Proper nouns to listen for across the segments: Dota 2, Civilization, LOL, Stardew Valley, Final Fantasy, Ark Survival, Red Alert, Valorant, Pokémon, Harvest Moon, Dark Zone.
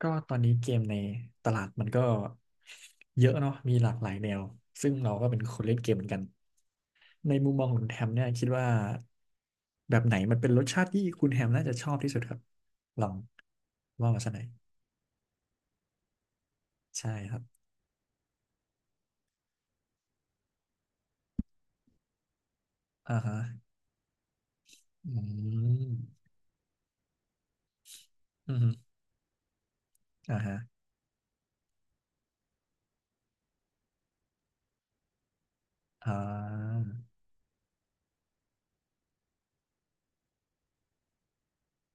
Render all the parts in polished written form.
ก็ตอนนี้เกมในตลาดมันก็เยอะเนาะมีหลากหลายแนวซึ่งเราก็เป็นคนเล่นเกมเหมือนกันในมุมมองของคุณแฮมเนี่ยคิดว่าแบบไหนมันเป็นรสชาติที่คุณแฮมน่าจะชอบที่สุดครับลองว่ามาสักหน่อยใช่ครับอ่าฮะอืมอืมอ่าฮะอ่า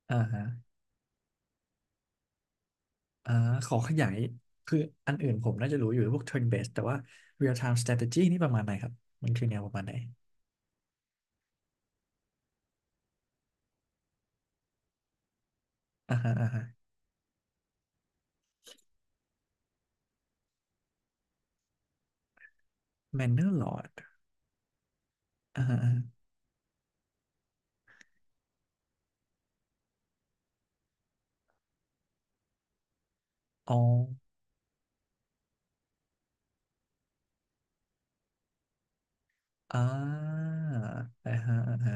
อ่าฮะอ่าขอขยายคืออันอื่นผมน่าจะรู้อยู่พวก turn based แต่ว่า real time strategy นี่ประมาณไหนครับมันคือแนวประมาณไหนอ่าฮะแมนเนอร์ลอร์ด อ่าอาอ๋ออ่าอ่าฮะ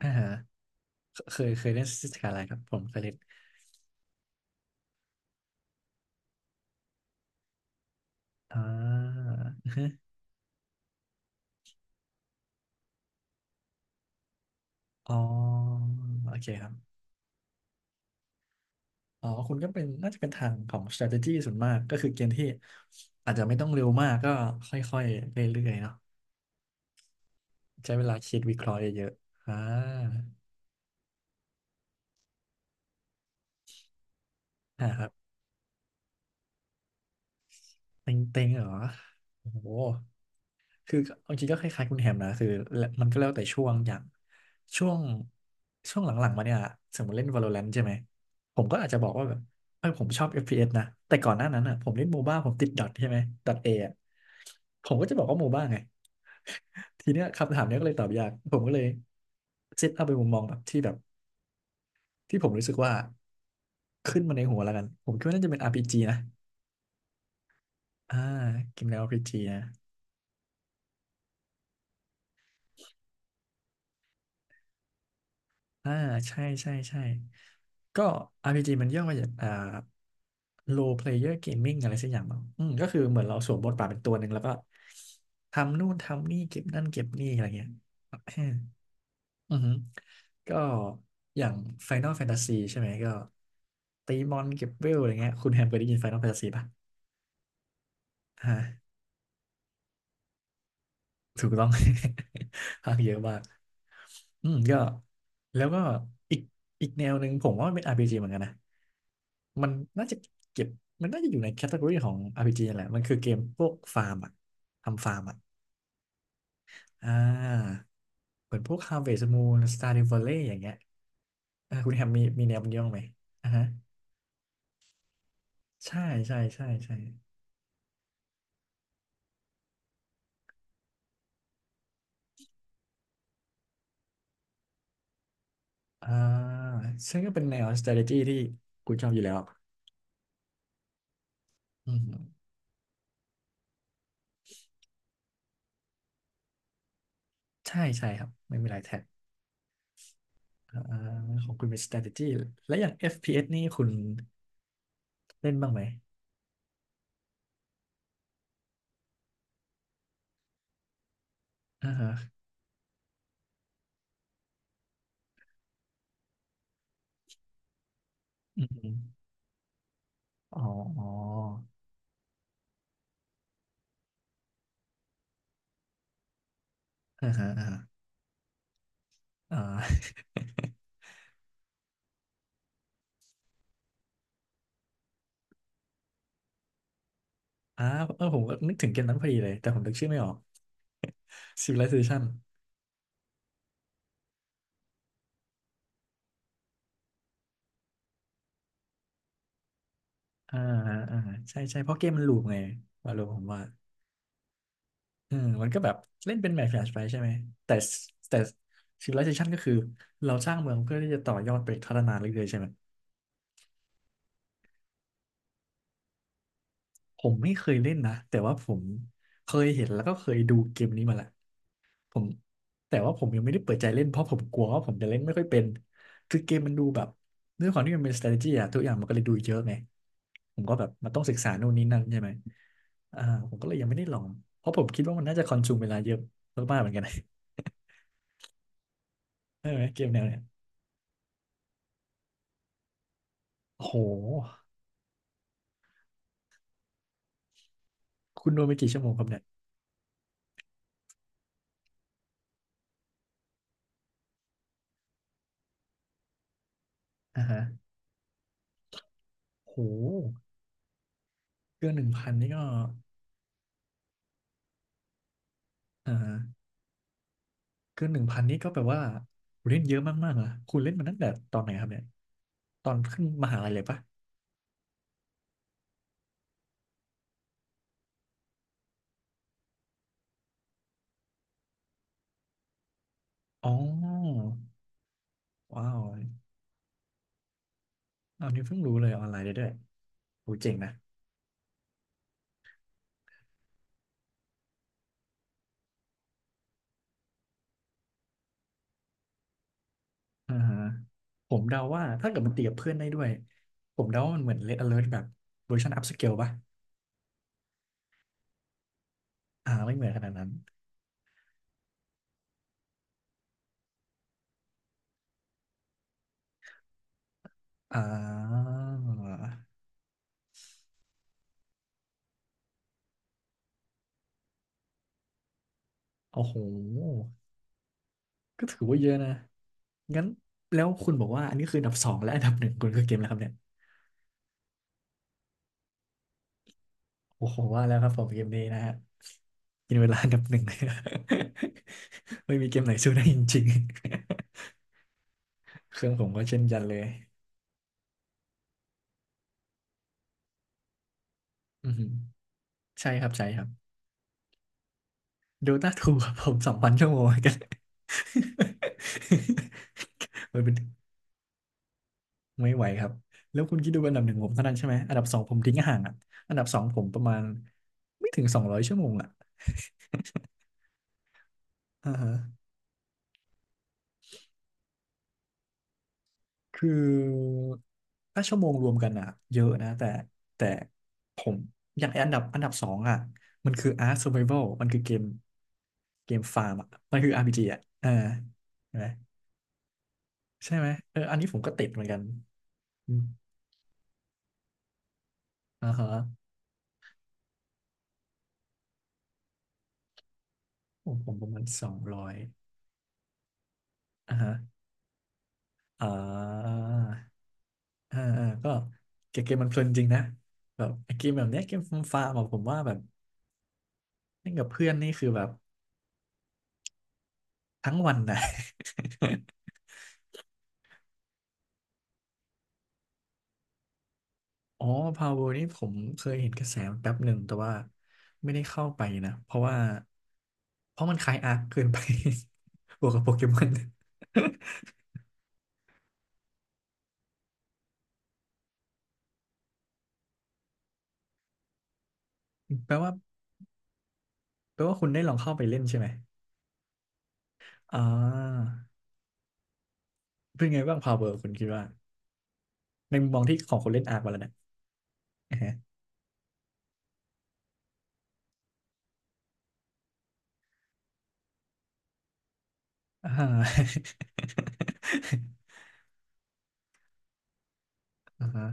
อ่าฮะเคยเคยเล่นสกายไลน์ครับผมเคยเล่นอ่าอ๋อโอเคครับ อ๋อคุณก็เป็นน่าจะเป็นทางของ strategy ส่วนมากก็คือเกมที่ อาจจะไม่ต้องเร็วมากก็ค่อยๆ เรื่อยๆเนาะใช้เวลาคิดวิเคราะห์เยอะๆอ่าอ่าครับเต็งๆเหรอ โอ้โห คือเอาจริงก็คล้ายๆคุณแฮมนะคือมันก็แล้วแต่ช่วงอย่างช่วงช่วงหลังๆมาเนี่ยสมมติเล่น Valorant ใช่ไหมผมก็อาจจะบอกว่าแบบเออผมชอบ FPS นะแต่ก่อนหน้านั้นอ่ะผมเล่นโมบ้าผมติดดอทใช่ไหมดอทเออ่ะผมก็จะบอกว่าโมบ้าไง ทีเนี้ยคำถามเนี้ยก็เลยตอบยากผมก็เลยเซตเอาเป็นมุมมองแบบที่แบบที่ผมรู้สึกว่าขึ้นมาในหัวแล้วกันผมคิดว่าน่าจะเป็น RPG นะอ่าเกมแนว RPG นะ อ่าใช่ใช่ใช่ก็ RPG มันย่อมาจากrole player gaming อะไรสักอย่างมั้งอืมก็คือเหมือนเราสวมบทบาทเป็นตัวหนึ่งแล้วก็ทำนู่นทำนี่เก็บนั่นเก็บนี่อะไรเงี้ย อืมออหือก็อย่าง Final Fantasy ใช่ไหมก็ตีมอนเก็บเวลอะไรเงี้ยคุณแฮมเคยได้ยิน Final Fantasy ป่ะฮะ ถูกต้อง ภาคเยอะมากอืมก็แล้วก็อีกอีกแนวหนึ่งผมว่ามันเป็น RPG เหมือนกันนะ มันน่าจะเก็บมันน่าจะอยู่ในแคตตา ory ของ RPG นั่นแหละ มันคือเกมพวกฟาร์มอะทำฟาร์มอะอ่าเหมือนพวก Harvest Moon Stardew Valley อย่างเงี้ยอ่าคุณแฮมมีแนวมันย่องไหมอ่าฮะใช่ใช่ใช่ใช่อ่าซึ่งก็เป็นแนว strategy ที่คุณชอบอยู่แล้วอืมใช่ใช่ครับ ไม่มีหลายแท็บ อ่าของคุณเป็น strategy และอย่าง FPS นี่คุณเล่นบ้างไหมอ่าฮะอืมอ๋ออออ่าฮะอ่าฮะอ่า อ่าเออผมก็นึกถึงเกมนั้นพอดีเลย แต่ผมนึกชื่อไม่ออก Civilization อ่าอ่าใช่ใช่เพราะเกมมันลูปไงว่าโลูผมว่าเอืมมันก็แบบเล่นเป็นแมปแฟลชไปใช่ไหมแต่แต่ Civilization ก็คือเราสร้างเมืองเพื่อที่จะต่อยอดไปพัฒนาเรื่อยๆใช่ไหม ผมไม่เคยเล่นนะแต่ว่าผมเคยเห็นแล้วก็เคยดูเกมนี้มาแหละ ผมแต่ว่าผมยังไม่ได้เปิดใจเล่นเพราะผมกลัวว่าผมจะเล่นไม่ค่อยเป็นคือเกมมันดูแบบด้วยความที่มันเป็น strategy อะทุกอย่างมันก็เลยดูเยอะไงผมก็แบบมันต้องศึกษานู่นนี่นั่นใช่ไหมอ่าผมก็เลยยังไม่ได้ลองเพราะผมคิดว่ามันน่าจะคอนซูมเวลาเยอะมากๆเหมือนกัน ใช่ไหมเกมแนวเนี้ยโอ้โหคุณโดนไปกี่ชั่วโมงครับเนี่ยอ่าฮะโอ้โหเกินหนึ่งพันนี่ก็อ่าฮะเกินหนึ่งพันนี่ก็แปลว่าคุณเล่นเยอะมากๆนะคุณเล่นมาตั้งแต่ตอนไหนครับเนี่ยตอนขึ้นมหาลัยเลยปะอ๋อ ว้าวเอันนี้เพิ่งรู้เลยออนไลน์ได้ด้วยโหเจ๋งนะอ่าฮะผมเดาว่าถ้าเกิดมันตีกับเพื่อนได้ด้วยผมเดาว่ามันเหมือน Red Alert แบบเวอร์ชัน upscale ป่ะอ่าไม่เหมือนขนาดนั้นอ่าโอ้โหก็ถือว่าเยอะนะงั้นแล้วคุณบอกว่าอันนี้คืออันดับสองและอันดับหนึ่งคุณคือเกมแล้วครับเนี่ยโอ้โหว่าแล้วครับผมเกมนี้นะฮะกินเวลาอันดับหนึ่ง เลย ไม่มีเกมไหนสู้ได้จริงๆ เครื่องผมก็เช่นกันเลยอือหือใช่ครับใช่ครับ ดูต่าถูกครับผม2,000 ชั่วโมงอกัน มันเป็นไม่ไหวครับแล้วคุณคิดดูอันดับหนึ่งผมเท่านั้นใช่ไหมอันดับสองผมทิ้งห่างอ่ะอันดับสองผมประมาณไม่ถึงสองร้อยชั่วโมงอ่ะอ่าฮะคือถ้าชั่วโมงรวมกันอ่ะเยอะนะแต่แต่ผมอย่างไอ้อันดับอันดับสองอ่ะมันคือ Ark Survival มันคือเกมฟาร์มอ่ะมันคือ RPG อ่ะอ่าใช่ไหมใช่ไหมเอออันนี้ผมก็ติดเหมือนกันอมอ่าฮะ ผมประมาณสองร้อยอ่าฮะอ่าอ่าก็เกมมันเพลินจริงนะแบบไอ้เกมแบบเนี้ยเกมฟาร์มอะผมว่าแบบเล่นกับเพื่อนนี่คือแบบทั้งวันนะ อ๋อพาวเวอร์นี่ผมเคยเห็นกระแสนแป๊บหนึ่งแต่ว่าไม่ได้เข้าไปนะเพราะมันคล้ายอาร์คเกินไป บวกกับโปเกมอน แปลว่าแปลว่าคุณได้ลองเข้าไปเล่นใช่ไหมอ่าเป็นไงบ้างพาวเวอร์คุณคิดว่าในมุมมองที่ของคนเล่นอาร์คมาแล้วนะ อ่าฮะ อ่าฮะ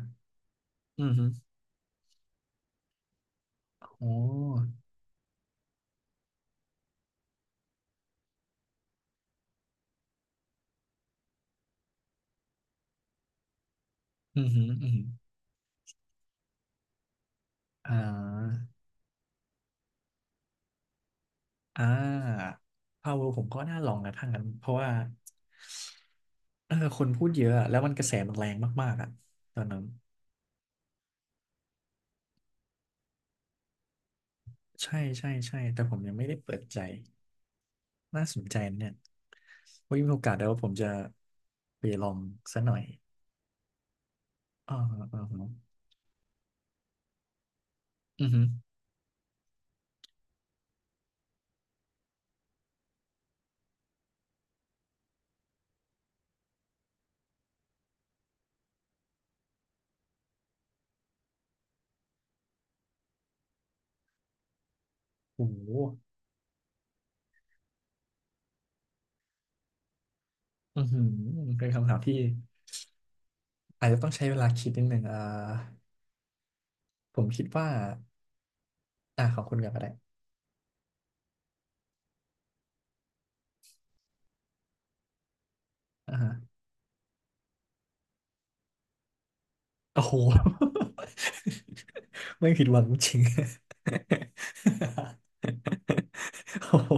อืมฮึโอ้อืมฮึอืมฮึอ่าอ่าพาวเวอร์ผมก็น่าลองนะถ้างั้น เพราะว่าเออคนพูดเยอะอะ แล้วมันกระแสมันแรงมากๆอ่ะตอนนั้นใช่แต่ผมยังไม่ได้เปิดใจ น่าสนใจนะเนี่ยไว้มีโอกาสเดี๋ยวผมจะไปลองซะหน่อยอ่าฮะอือฮึโอ้โหอือหือเป็นคำถามที่อาจจะต้องใช้เวลาคิดนิดหนึ่งอ่า ผมคิดว่าอ่าขอบคุณกันก็ได้อ่าฮะโอ้โห ไม่ผิดหวังจริง โอ้โห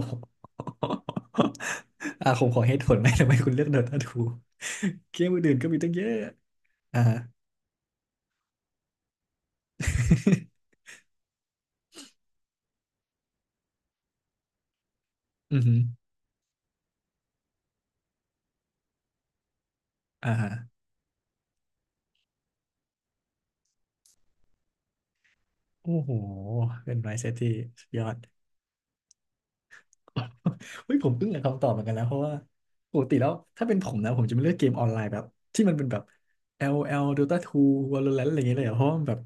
อ่ะผมขอเหตุผลไหมทำไมคุณเลือกโดตาทูเกมอื่นๆก็มีตั้งเยอะอ่าฮะ อือฮึอ่าฮะโอ้โหเป็นไวซ์เซตที่สยอด เฮ้ยผมอึ้งอยากับคำตอบเหมือนกันนะเพราะว่าปกติแล้วถ้าเป็นผมนะผมจะไม่เลือกเกมออนไลน์แบบที่มันเป็นแบบ LOL Dota 2 Valorant อะไรอย่างเงี้ยเลยอะเพราะว่ามันแบบ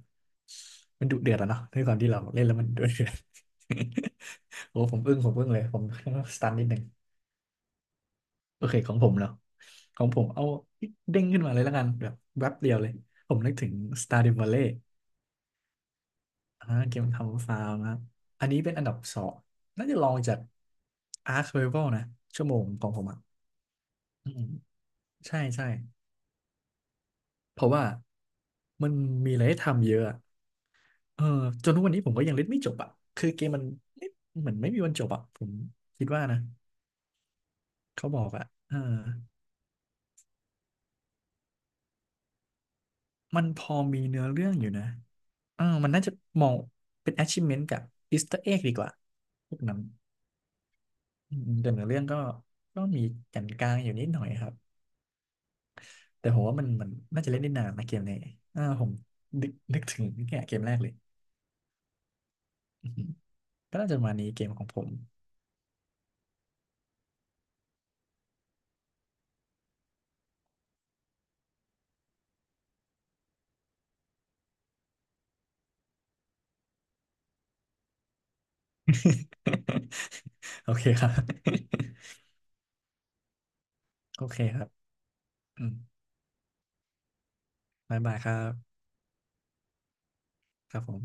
มันดุเดือดอะเนาะในความที่เราเล่นแล้วมันดุเดือด โอ้ผมอึ้งเลยผมสตันนิดหนึ่งโอเคของผมเนาะของผมเอาเด้งขึ้นมาเลยแล้วกันแบบแวบเดียวเลยผมนึกถึง Stardew Valley อ่าเกมทำฟาร์มนะครับอันนี้เป็นอันดับสองน่าจะรองจาก Ark Survival นะชั่วโมงของผมอ่ะอืม ใช่เพราะว่ามันมีอะไรให้ทำเยอะอะเออจนทุกวันนี้ผมก็ยังเล่นไม่จบอ่ะคือเกมมันเล่นเหมือนไม่มีวันจบอ่ะผมคิดว่านะเขาบอกอ่ะเออมันพอมีเนื้อเรื่องอยู่นะเออมันน่าจะมองเป็น achievement กับ Easter egg ดีกว่าพวกนั้นอืมแต่เนื้อเรื่องก็ก็มีแก่นกลางอยู่นิดหน่อยครับแต่ผมว่ามันน่าจะเล่นได้นานนะเกมนี้อ่าผมนึกถึงเนี่ยเกมแรกเลยอือหือก็น่าจะประมาณนี้เกมของผม โอเคครับ โอเคครับอืมบายบายครับครับผม